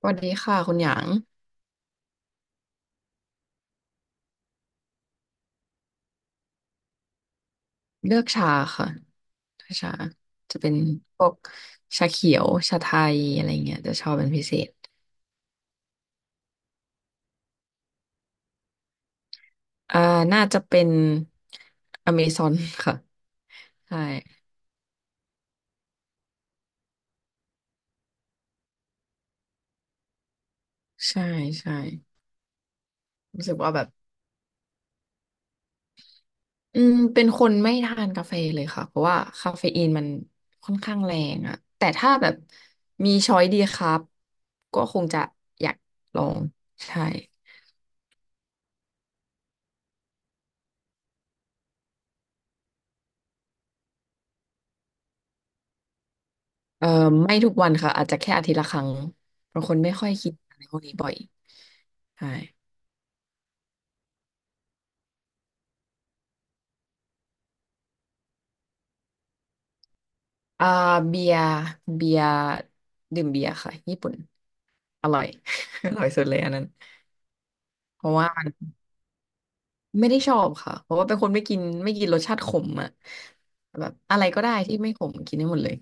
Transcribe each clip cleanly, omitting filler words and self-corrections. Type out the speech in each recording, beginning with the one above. สวัสดีค่ะคุณหยางเลือกชาค่ะชาจะเป็นพวกชาเขียวชาไทยอะไรเงี้ยจะชอบเป็นพิเศษอ่าน่าจะเป็นอเมซอนค่ะใช่ใช่ใช่รู้สึกว่าแบบเป็นคนไม่ทานกาแฟเลยค่ะเพราะว่าคาเฟอีนมันค่อนข้างแรงอะแต่ถ้าแบบมีช้อยดีครับก็คงจะอยากลองใช่ เอ่อไม่ทุกวันค่ะอาจจะแค่อาทิตย์ละครั้งเพราะคนไม่ค่อยคิดอะไรพวกนี้บ่อยใช่อ่าเบียร์เบียร์ดื่มเบียร์ค่ะญี่ปุ่นอร่อย อร่อยสุดเลยอันนั้นเพราะว่าไม่ได้ชอบค่ะเพราะว่าเป็นคนไม่กินรสชาติขมอ่ะแบบอะไรก็ได้ที่ไม่ขมกินได้หมดเลย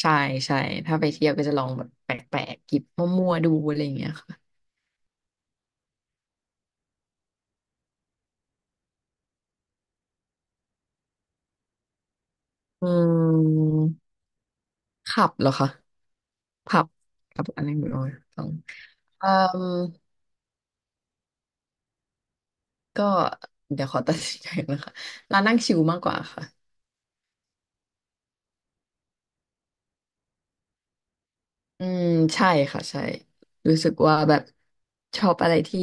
ใช่ใช่ถ้าไปเที่ยวก็จะลองแบบแปลกๆกิบมั่วๆดูอะไรอย่างเงี้ยค่ะอืมขับเหรอคะผับขับอันนี้ไม่รู้ต้องเอ่อ ก็เดี๋ยวขอ ตัดสินใจนะคะร้านนั่งชิลมากกว่าค่ะอืมใช่ค่ะใช่รู้สึกว่าแบบชอบอะไรที่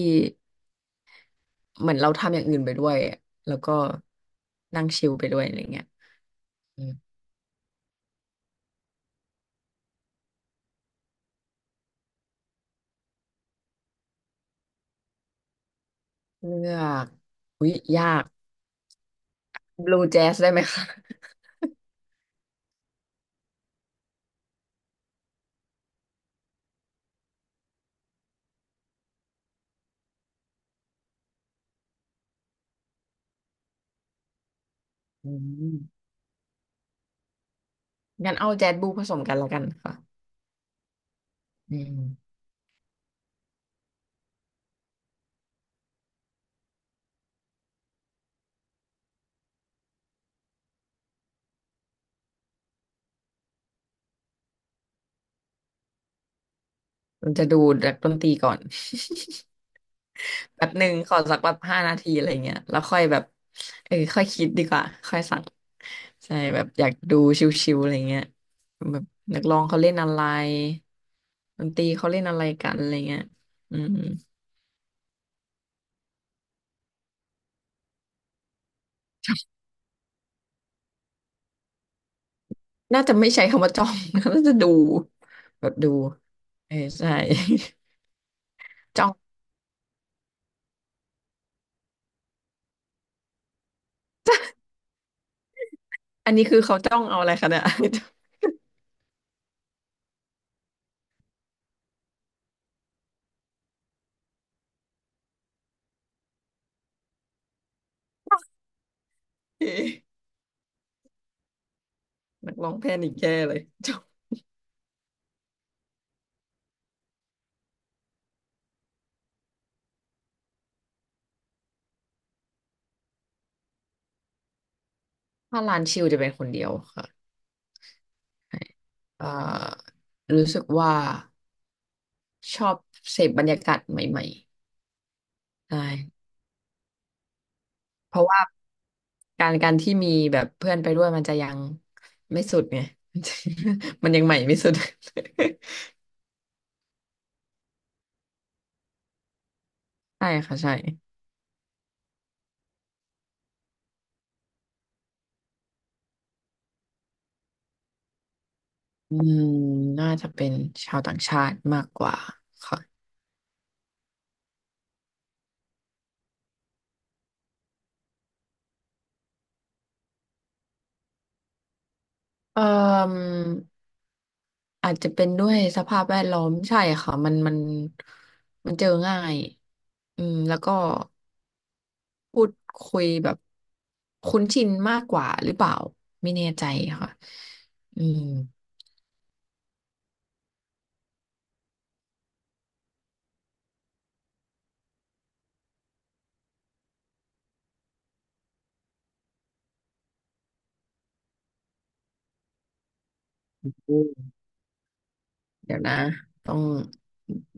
เหมือนเราทำอย่างอื่นไปด้วยแล้วก็นั่งชิลไปด้วยอะไรเงี้ยอืมเลือกอุ๊ยยากบลูแจ๊สได้ไหมคะอืมงั้นเอาแจ๊สบลูผสมกันแล้วกันค่ะอืมมันจะดูดนักดนตรีก่อน แบบหนึ่งขอสักแบบ5 นาทีอะไรเงี้ยแล้วค่อยแบบค่อยคิดดีกว่าค่อยสั่งใช่แบบอยากดูชิวๆอะไรเงี้ยแบบนักร้องเขาเล่นอะไรดนตรีเขาเล่นอะไรกันอะไรเงี้ยอืมน่าจะไม่ใช้คำว่าจ้อง น่าจะดูแบบดูเออใช่ จ้องอันนี้คือเขาจ้องเอาอะไรคะเนี่ย เอ๊ะนักร้องแพนิคแย่เลยจ้องถ้าร้านชิลจะเป็นคนเดียวค่ะเอ่อรู้สึกว่า ชอบเสพบรรยากาศใหม่ๆใช่เพราะว่าการที่มีแบบเพื่อนไปด้วยมันจะยังไม่สุดไง มันจะมันยังใหม่ไม่สุด ใช่ค่ะใช่อืมน่าจะเป็นชาวต่างชาติมากกว่าค่ะเอ่ออาจจะเป็นด้วยสภาพแวดล้อมใช่ค่ะมันเจอง่ายอืมแล้วก็พูดคุยแบบคุ้นชินมากกว่าหรือเปล่าไม่แน่ใจค่ะอืม เดี๋ยวนะต้อง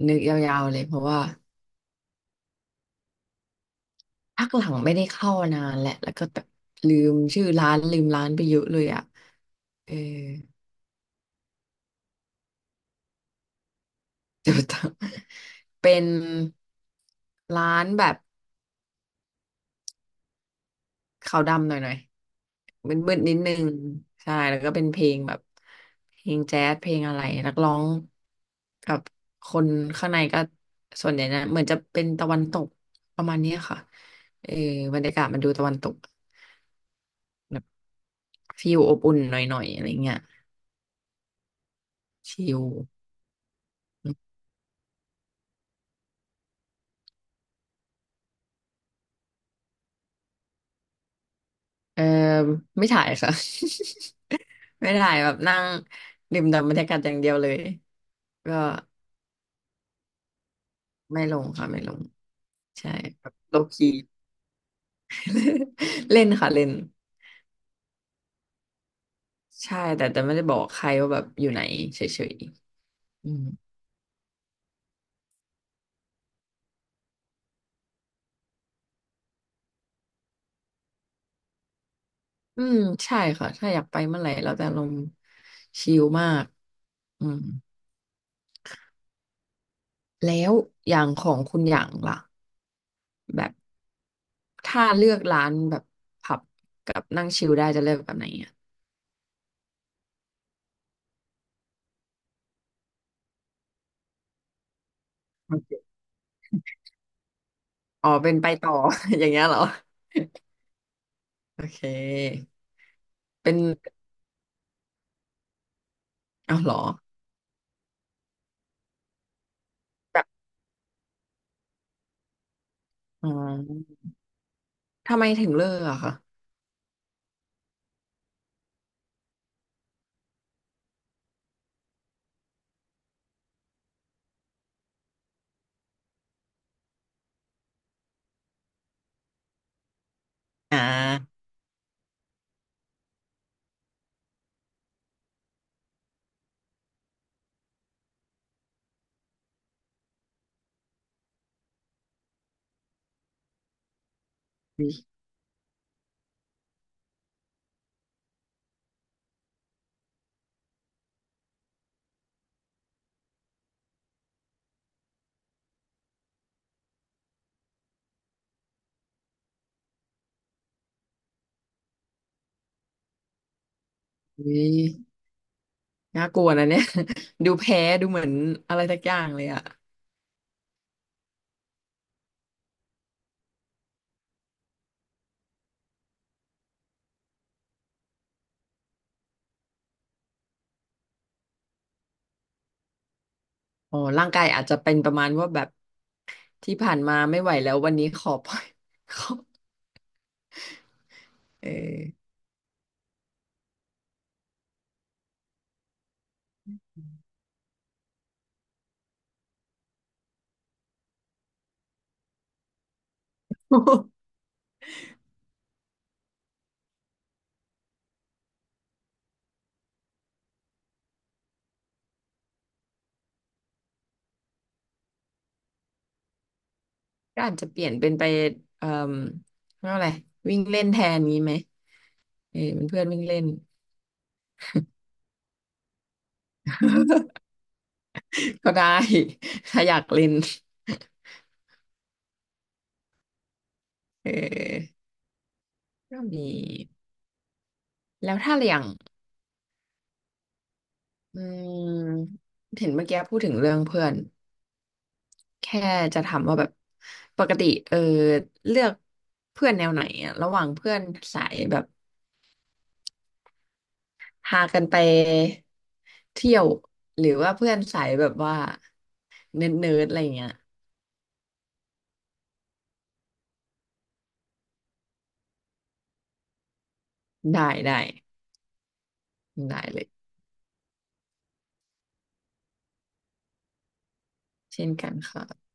นึกยาวๆเลยเพราะว่าพักหลังไม่ได้เข้านานแหละแล้วก็แบบลืมชื่อร้านลืมร้านไปเยอะเลยอ่ะเออ เดี๋ยวต้องเป็นร้านแบบขาวดำหน่อยๆมืดๆนิดนึงใช่แล้วก็เป็นเพลงแบบเพลงแจ๊สเพลงอะไรนักร้องกับคนข้างในก็ส่วนใหญ่นะเหมือนจะเป็นตะวันตกประมาณเนี้ยค่ะเออบรรยากาศมันดูตะวันตก ฟิลอบอุ่นหน่อยๆอะไรเงี้ยชิลเออไม่ถ่ายค่ะ ไม่ถ่ายแบบนั่งดื่มด่ำบรรยากาศอย่างเดียวเลยก็ไม่ลงค่ะไม่ลงใช่แบบโลคี เล่นค่ะเล่นใช่แต่ไม่ได้บอกใครว่าแบบอยู่ไหนเฉยๆอืมอืมใช่ค่ะถ้าอยากไปเมื่อไหร่เราจะลงชิลมากอืมแล้วอย่างของคุณอย่างล่ะแบบ ถ้าเลือกร้านแบบผับกับนั่งชิลได้จะเลือกแบบไหนอ่ะโอเคอ๋อเป็นไปต่อ อย่างเงี้ยเหรอโอเคเป็นเอาเหรอแบบอ๋อทำไมถึงเลิกอะคะอ่าวิวยอุ๊ยน่ากลัวนะเนี่ย ดูแพ้ดูเหมือนอะไรสักอย่างเลยอะอ๋อร่างกายอาจจะเป็นประมาณว่าแบบที่ผ่านมาไม่ไหวแล้ววันนี้ขอปล่อย ขอเออ ก็อาจจะเปลี่ยนเป็นไปเอ่อเรียกว่าอะไรวิ่งเล่นแทนนี้ไหม เออเป็นเพื่อนวิ่งเล่น ก็ได้ถ้าอยากเล่นเออก็มีแล้วถ้าอย่างอืมเห็นเมื่อกี้พูดถึงเรื่องเพื่อนแค่จะถามว่าแบบปกติเลือกเพื่อนแนวไหนอะระหว่างเพื่อนสายแบบพากันไปเที่ยวหรือว่าเพื่อนสายแบบว่าเนิร์ดๆอะไรเงี้ยได้ได้ได้เลยเช่นกันค่ะ